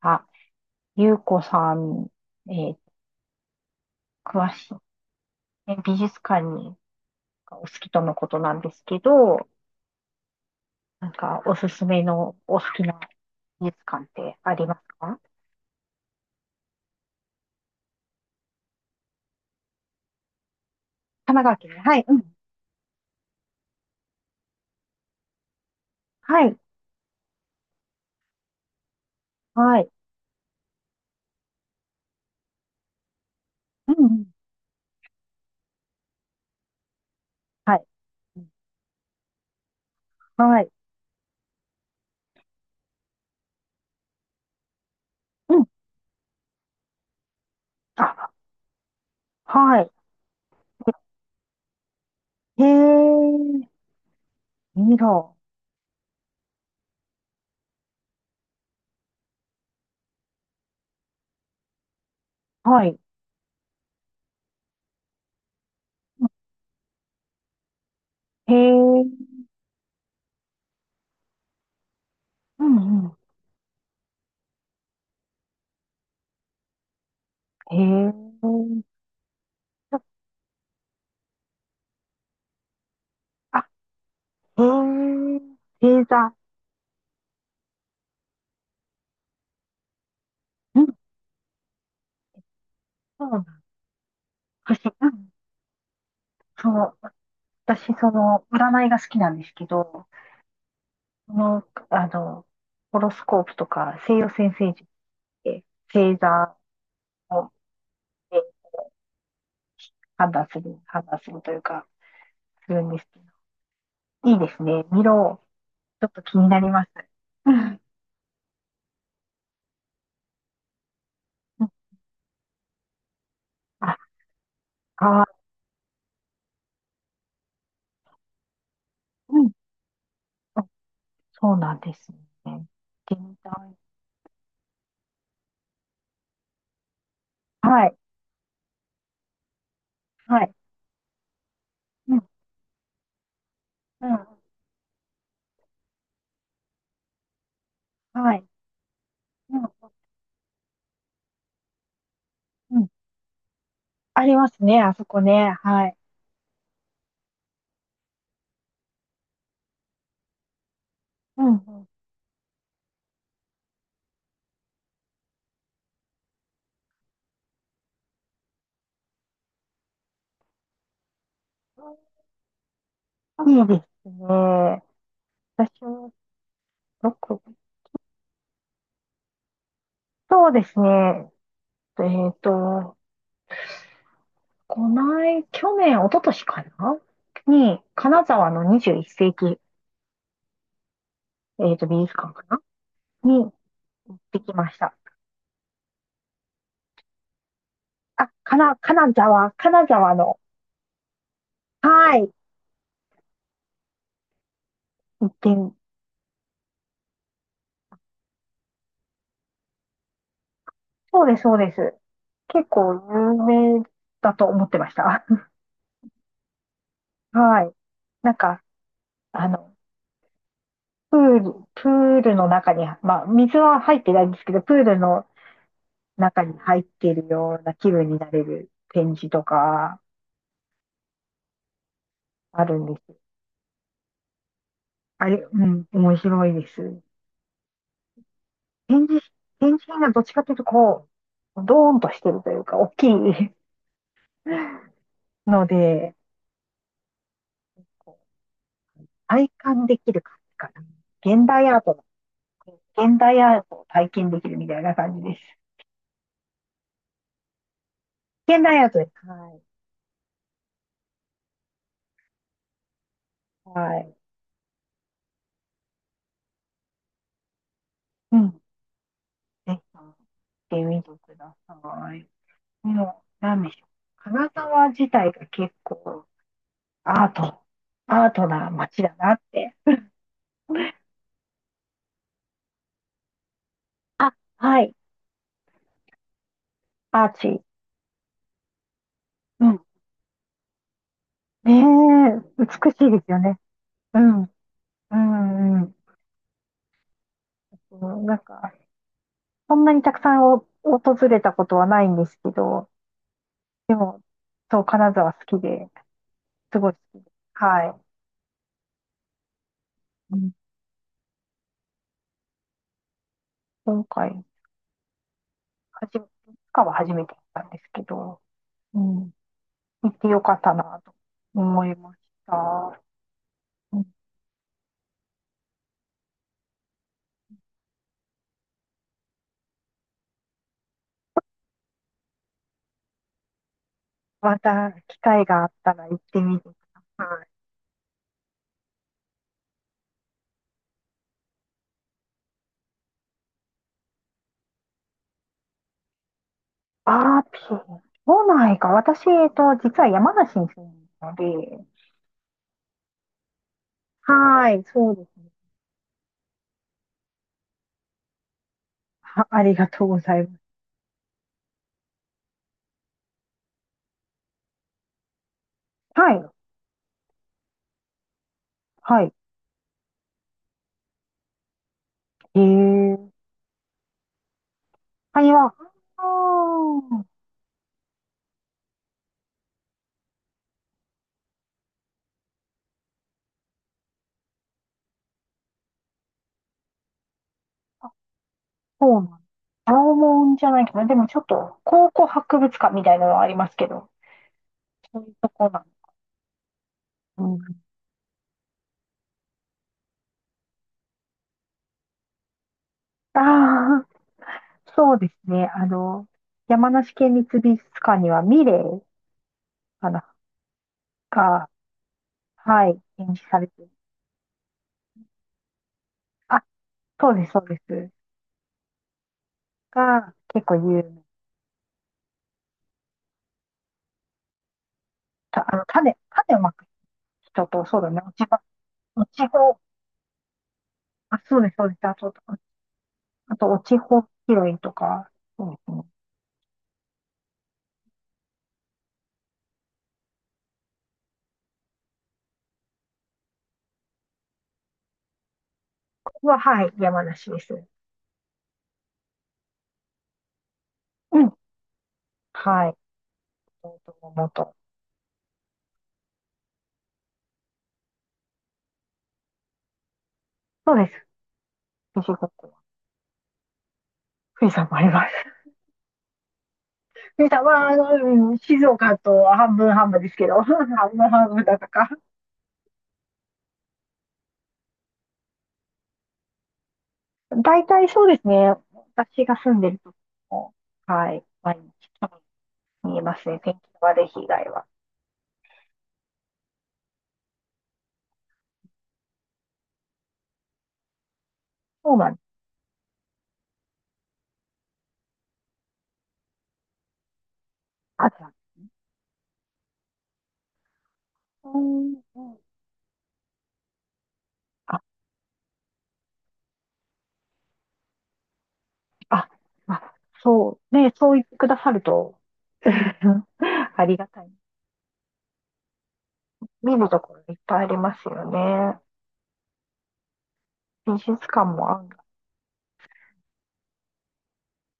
あ、ゆうこさん、えー詳しい、ね美術館にお好きとのことなんですけど、なんかおすすめのお好きな美術館ってありますか？神奈川県ね。はい。うん。はい、はい、うん。うん、はい、はい、うん、あ、はい、へえ、ミロ、はい、へえ、うん、うん、へえ、あ、へえ、星座、うん、そうなん、不うん、そう。私、占いが好きなんですけど、その、あの、ホロスコープとか西洋占星術って星座をで判断する、判断するというか、するんですけど、いいですね。見ろ。ちょっと気になります。うん、あ、あうん。あ、そうなんですね。行ってみたい。はい。はい。うん。うん。はい。うん。うん。ありますね。あそこね。はい。うん。うん、いいですね。私はどこそうですね。えっと、こない、去年、一昨年かなに、金沢の21世紀、美術館かなに行ってきました。あ、金沢の、はい、行ってみ、そうです、そうです。結構有名だと思ってました。はい。なんか、あの、プールの中に、まあ、水は入ってないんですけど、プールの中に入っているような気分になれる展示とか、あるんです。あれ、うん、面白いです。展示、展示品がどっちかというと、こう、ドーンとしてるというか、大きい ので、こう体感できる感じかな。現代アート現代アートを体験できるみたいな感じです。現代アートです。はい。はい。うん。ぜひ、行ってみてください。もう、なんでしょう。金沢自体が結構、アート、アートな街だなって。あ、はい。アーチ。うん。ねえ、美しいですよね。うん。うん、うん。そう、なんか、そんなにたくさんお訪れたことはないんですけど、でも、そう、金沢好きで、すごい好きです。はい。うん、今回、はじめ、いつかは初めて行ったんですけど、うん、行ってよかったなと思いました。うん、また機会があったら行ってみてください。あー、ピー、都内か。私、実は山梨に住んでるので、はい、そうですね。ありがとうございます。はい、はい。ええ、カニは、あーあ、そうなん青門じゃないかな。でもちょっと、考古博物館みたいなのはありますけど、そういうとこなんうん。ああ、そうですね。山梨県立美術館にはミレーかな、が、はい、展示されてる。あ、そうです、そうです。が、結構有名。種をまく人と、そうだね、落ち葉、落ち穂。あ、そうです、そうです。あと、落ち穂拾いとか、そうですね。はい、山梨です。うん。はい。と元。そうです。富士五湖。富士山もあります。富士山は、うん、静岡と半分半分ですけど、半分半分だったか。大体そうですね。私が住んでるとこも、はい、毎日見えますね。天気の悪い被害は。そうなんです。あ、うん、うん、あ、まあ、そう、ね、そう言ってくださると、ありがたい。見るところいっぱいありますよね。美術館もあるんだ。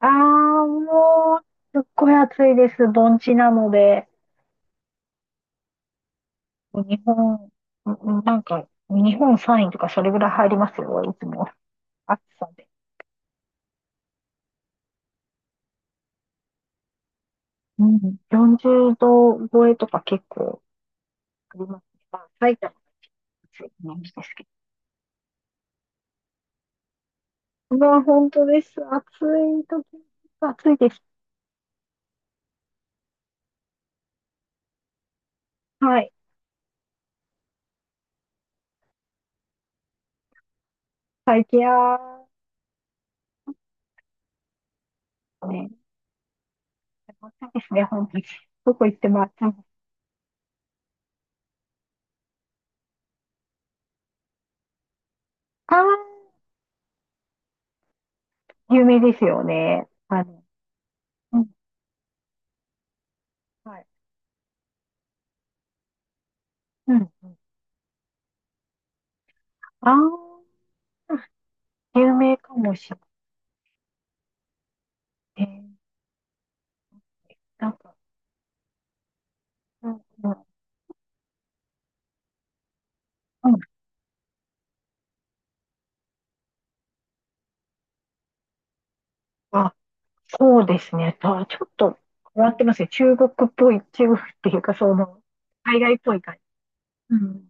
ああ、もう、すっごい暑いです。盆地なので、日本、日本3位とかそれぐらい入りますよ、いつも。暑さで。うん、40度超えとか結構ありますね。まあ、埼玉暑いイメージですけど。まあ、本当です。暑い時、暑いです。はい。最近はね、暑いですね、本当に。どこ行っても暑いです。ああ、有名ですよね。うん、はい。うん。ああ、有名かもしれない。なんか、うん、うん、うん。あ、そうですね。あ、ちょっと変わってますね。中国っぽい、中国っていうか、海外っぽい感じ。うん。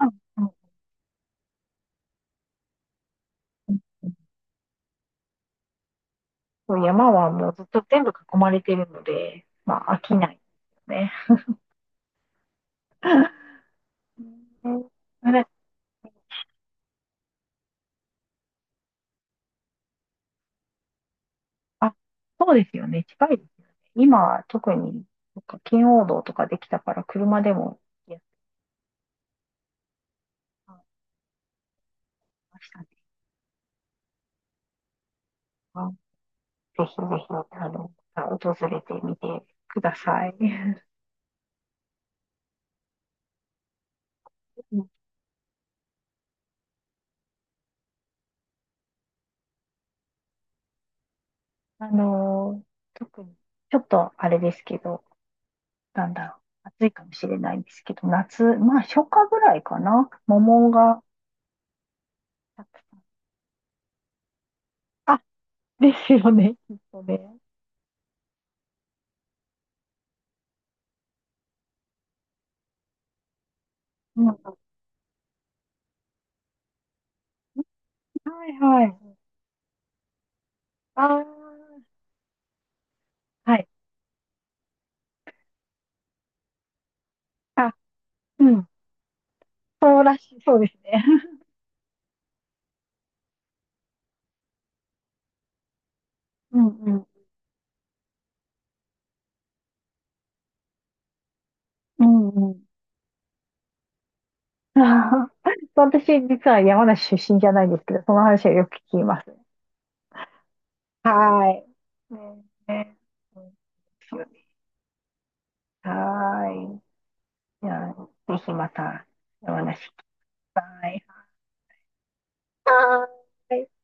うん、うん、うん。そう、山はもうずっと全部囲まれているので、まあ、飽きないですよね。うん、あ、そうですよね。近いですよね。今は特に、なんか圏央道とかできたから、車でもやってましたね。あ、ぜひぜひ、訪れてみてください。うん、あの、特に、ちょっとあれですけど、なんだろう、暑いかもしれないんですけど、夏、まあ、初夏ぐらいかな、桃がたくさん。あ、ですよね、きっとね。うん、はい、はい。ああ、はい。あ、うん、そうらしい、そうですね。うん、うん。うん、うん。私、実は山梨出身じゃないんですけど、その話はよく聞きます。はい、ね、ね、うん、そうです、はーい。じゃあ、ぜひまた山梨きたい。はーい。